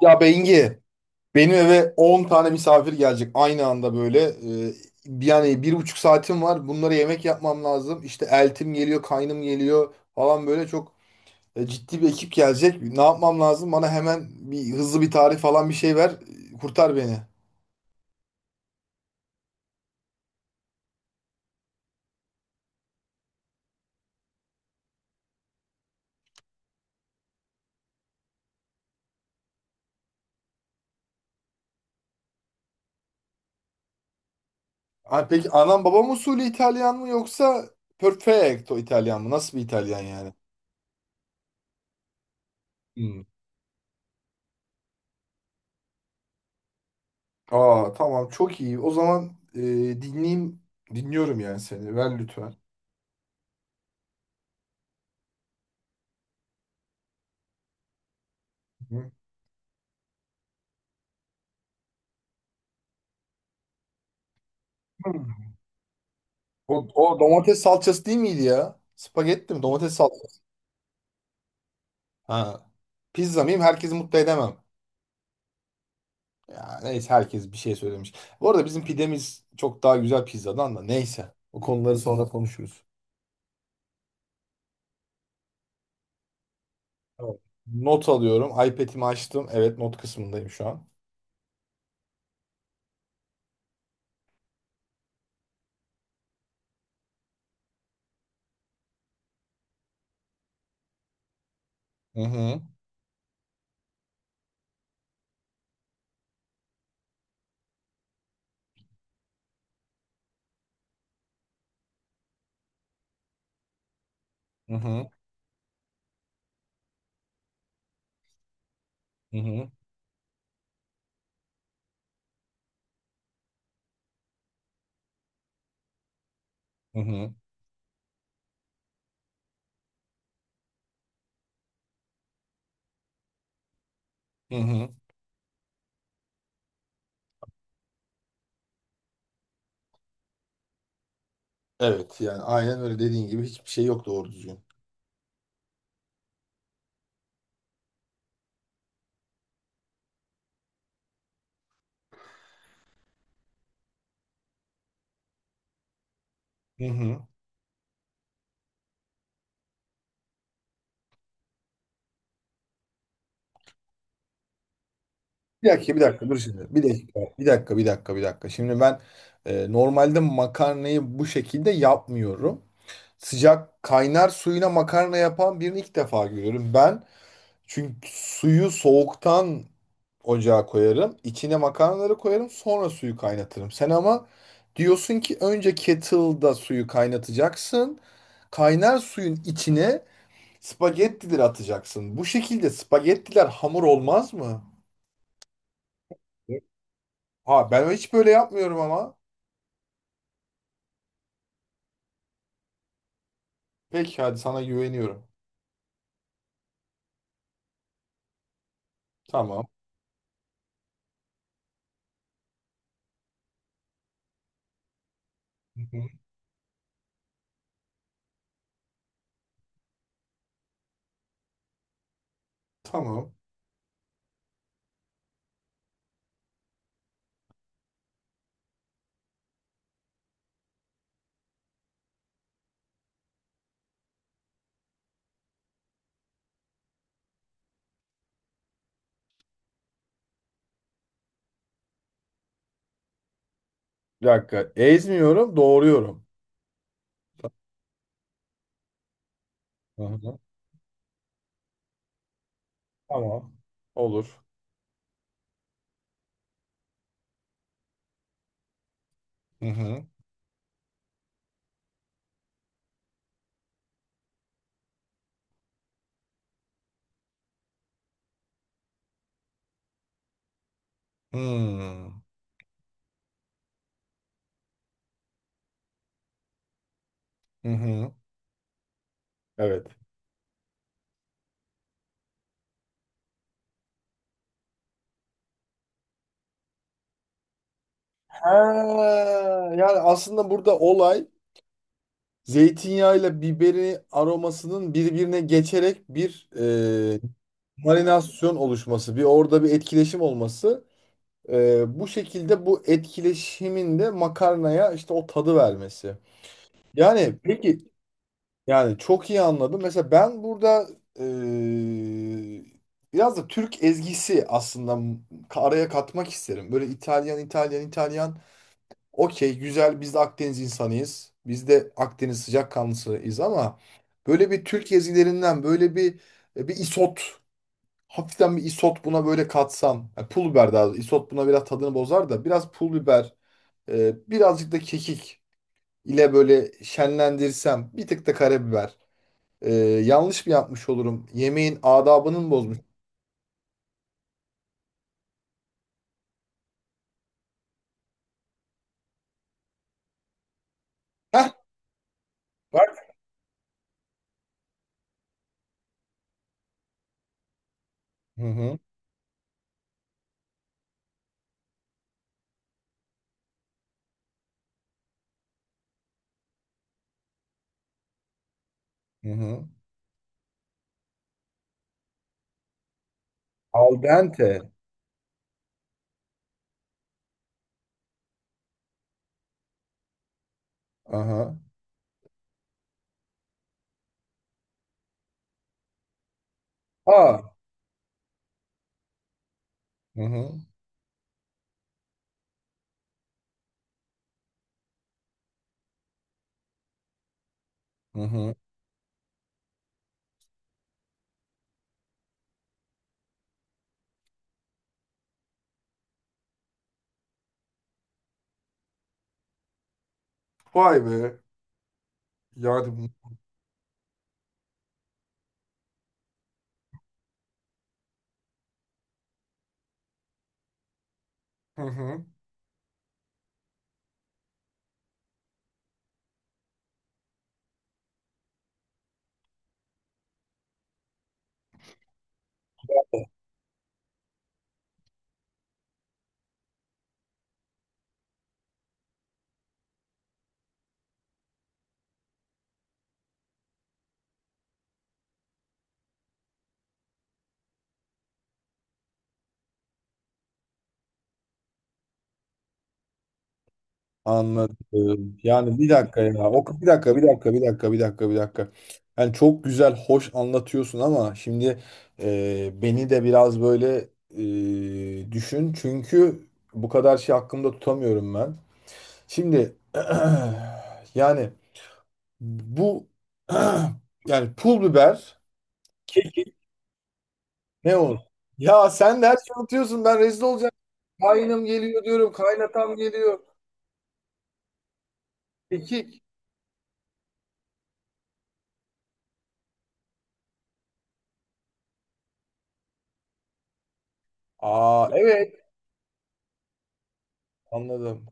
Ya Bengi, benim eve 10 tane misafir gelecek aynı anda böyle. Ee, Yani 1,5 saatim var. Bunlara yemek yapmam lazım. İşte eltim geliyor, kaynım geliyor falan böyle çok ciddi bir ekip gelecek. Ne yapmam lazım? Bana hemen bir hızlı bir tarif falan bir şey ver. Kurtar beni. Ha, peki anam babam usulü İtalyan mı yoksa perfecto İtalyan mı? Nasıl bir İtalyan yani? Hmm. Aa, tamam, çok iyi. O zaman dinleyeyim. Dinliyorum yani seni. Ver lütfen. Hı. O, o domates salçası değil miydi ya? Spagetti mi? Domates salçası. Ha. Pizza mıyım? Herkesi mutlu edemem. Ya neyse, herkes bir şey söylemiş. Bu arada bizim pidemiz çok daha güzel pizzadan da, neyse. O konuları sonra konuşuruz. Tamam. Not alıyorum. iPad'imi açtım. Evet, not kısmındayım şu an. Hı hı. Hı hı. Hı hı. Hı hı. Hı hı. Evet, yani aynen öyle dediğin gibi hiçbir şey yok doğru düzgün. Hı hı. Bir dakika, bir dakika, dur şimdi. Bir dakika, bir dakika, bir dakika, bir dakika. Şimdi ben normalde makarnayı bu şekilde yapmıyorum. Sıcak kaynar suyuna makarna yapan birini ilk defa görüyorum. Ben çünkü suyu soğuktan ocağa koyarım. İçine makarnaları koyarım, sonra suyu kaynatırım. Sen ama diyorsun ki önce kettle'da suyu kaynatacaksın. Kaynar suyun içine spagettileri atacaksın. Bu şekilde spagettiler hamur olmaz mı? Ha, ben hiç böyle yapmıyorum ama. Peki, hadi sana güveniyorum. Tamam. Hı hı. Tamam. Bir dakika. Ezmiyorum, doğruyorum. Hı hı. Tamam. Olur. Hı hı. Hmm. Hı hı. Evet. Ha, yani aslında burada olay zeytinyağıyla biberin aromasının birbirine geçerek bir marinasyon oluşması, bir orada bir etkileşim olması. Bu şekilde bu etkileşimin de makarnaya işte o tadı vermesi. Yani peki, yani çok iyi anladım. Mesela ben burada eee, biraz da Türk ezgisi aslında araya katmak isterim. Böyle İtalyan İtalyan İtalyan, okey, güzel, biz de Akdeniz insanıyız. Biz de Akdeniz sıcakkanlısıyız ama böyle bir Türk ezgilerinden böyle bir isot, hafiften bir isot buna böyle katsam. Yani pul biber, daha doğrusu. İsot buna biraz tadını bozar da biraz pul biber, birazcık da kekik ile böyle şenlendirsem, bir tık da karabiber. Yanlış mı yapmış olurum? Yemeğin adabını mı bozmuş? Heh, bak. Hı hı, hı hı. Al dente. Aha. Aa. Hı hı, hı hı. Vay be. Yani hı hı. Anladım. Yani bir dakika ya. O, bir dakika, bir dakika, bir dakika, bir dakika, bir dakika. Yani çok güzel, hoş anlatıyorsun ama şimdi beni de biraz böyle düşün. Çünkü bu kadar şey hakkımda tutamıyorum ben. Şimdi yani bu yani pul biber ne olur? Ya sen de her şeyi unutuyorsun. Ben rezil olacağım. Kaynım geliyor diyorum. Kaynatam geliyor. Kekik. Aa, evet. Anladım.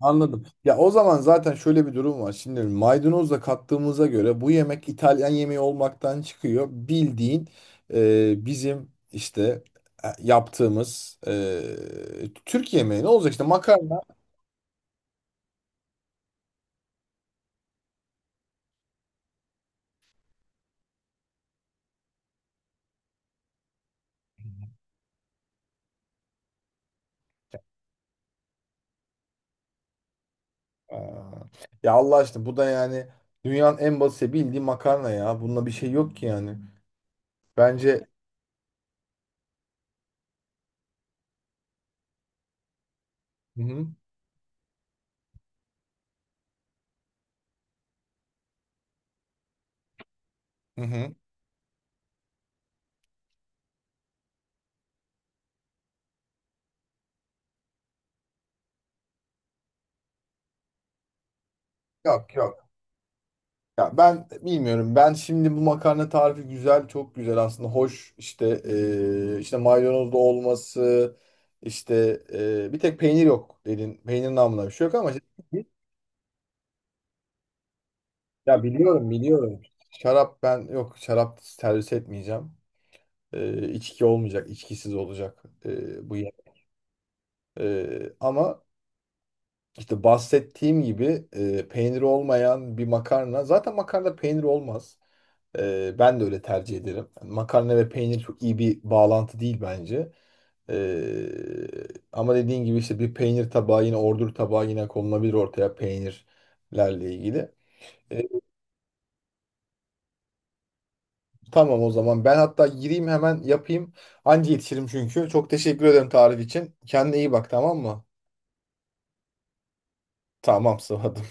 Anladım. Ya o zaman zaten şöyle bir durum var. Şimdi maydanozla kattığımıza göre bu yemek İtalyan yemeği olmaktan çıkıyor. Bildiğin bizim işte yaptığımız Türk yemeği, ne olacak işte makarna? Aa. Ya Allah aşkına, bu da yani dünyanın en basit bildiği makarna ya. Bununla bir şey yok ki yani. Bence, hı hı. Hı hı. Yok, yok. Ya ben bilmiyorum. Ben şimdi bu makarna tarifi güzel, çok güzel aslında. Hoş, işte işte maydanozlu olması, işte, bir tek peynir yok dedin. Peynir namına bir şey yok ama ya biliyorum, biliyorum. Şarap, ben yok, şarap servis etmeyeceğim. İçki olmayacak, içkisiz olacak, bu yemek. Ama İşte bahsettiğim gibi peyniri olmayan bir makarna. Zaten makarna peynir olmaz. Ben de öyle tercih ederim. Yani makarna ve peynir çok iyi bir bağlantı değil bence. E, Ama dediğin gibi işte bir peynir tabağı yine, ordur tabağı yine konulabilir ortaya peynirlerle ilgili. E, tamam, o zaman ben hatta gireyim, hemen yapayım. Anca yetişirim çünkü. Çok teşekkür ederim tarif için. Kendine iyi bak, tamam mı? Tamam, sıvadım.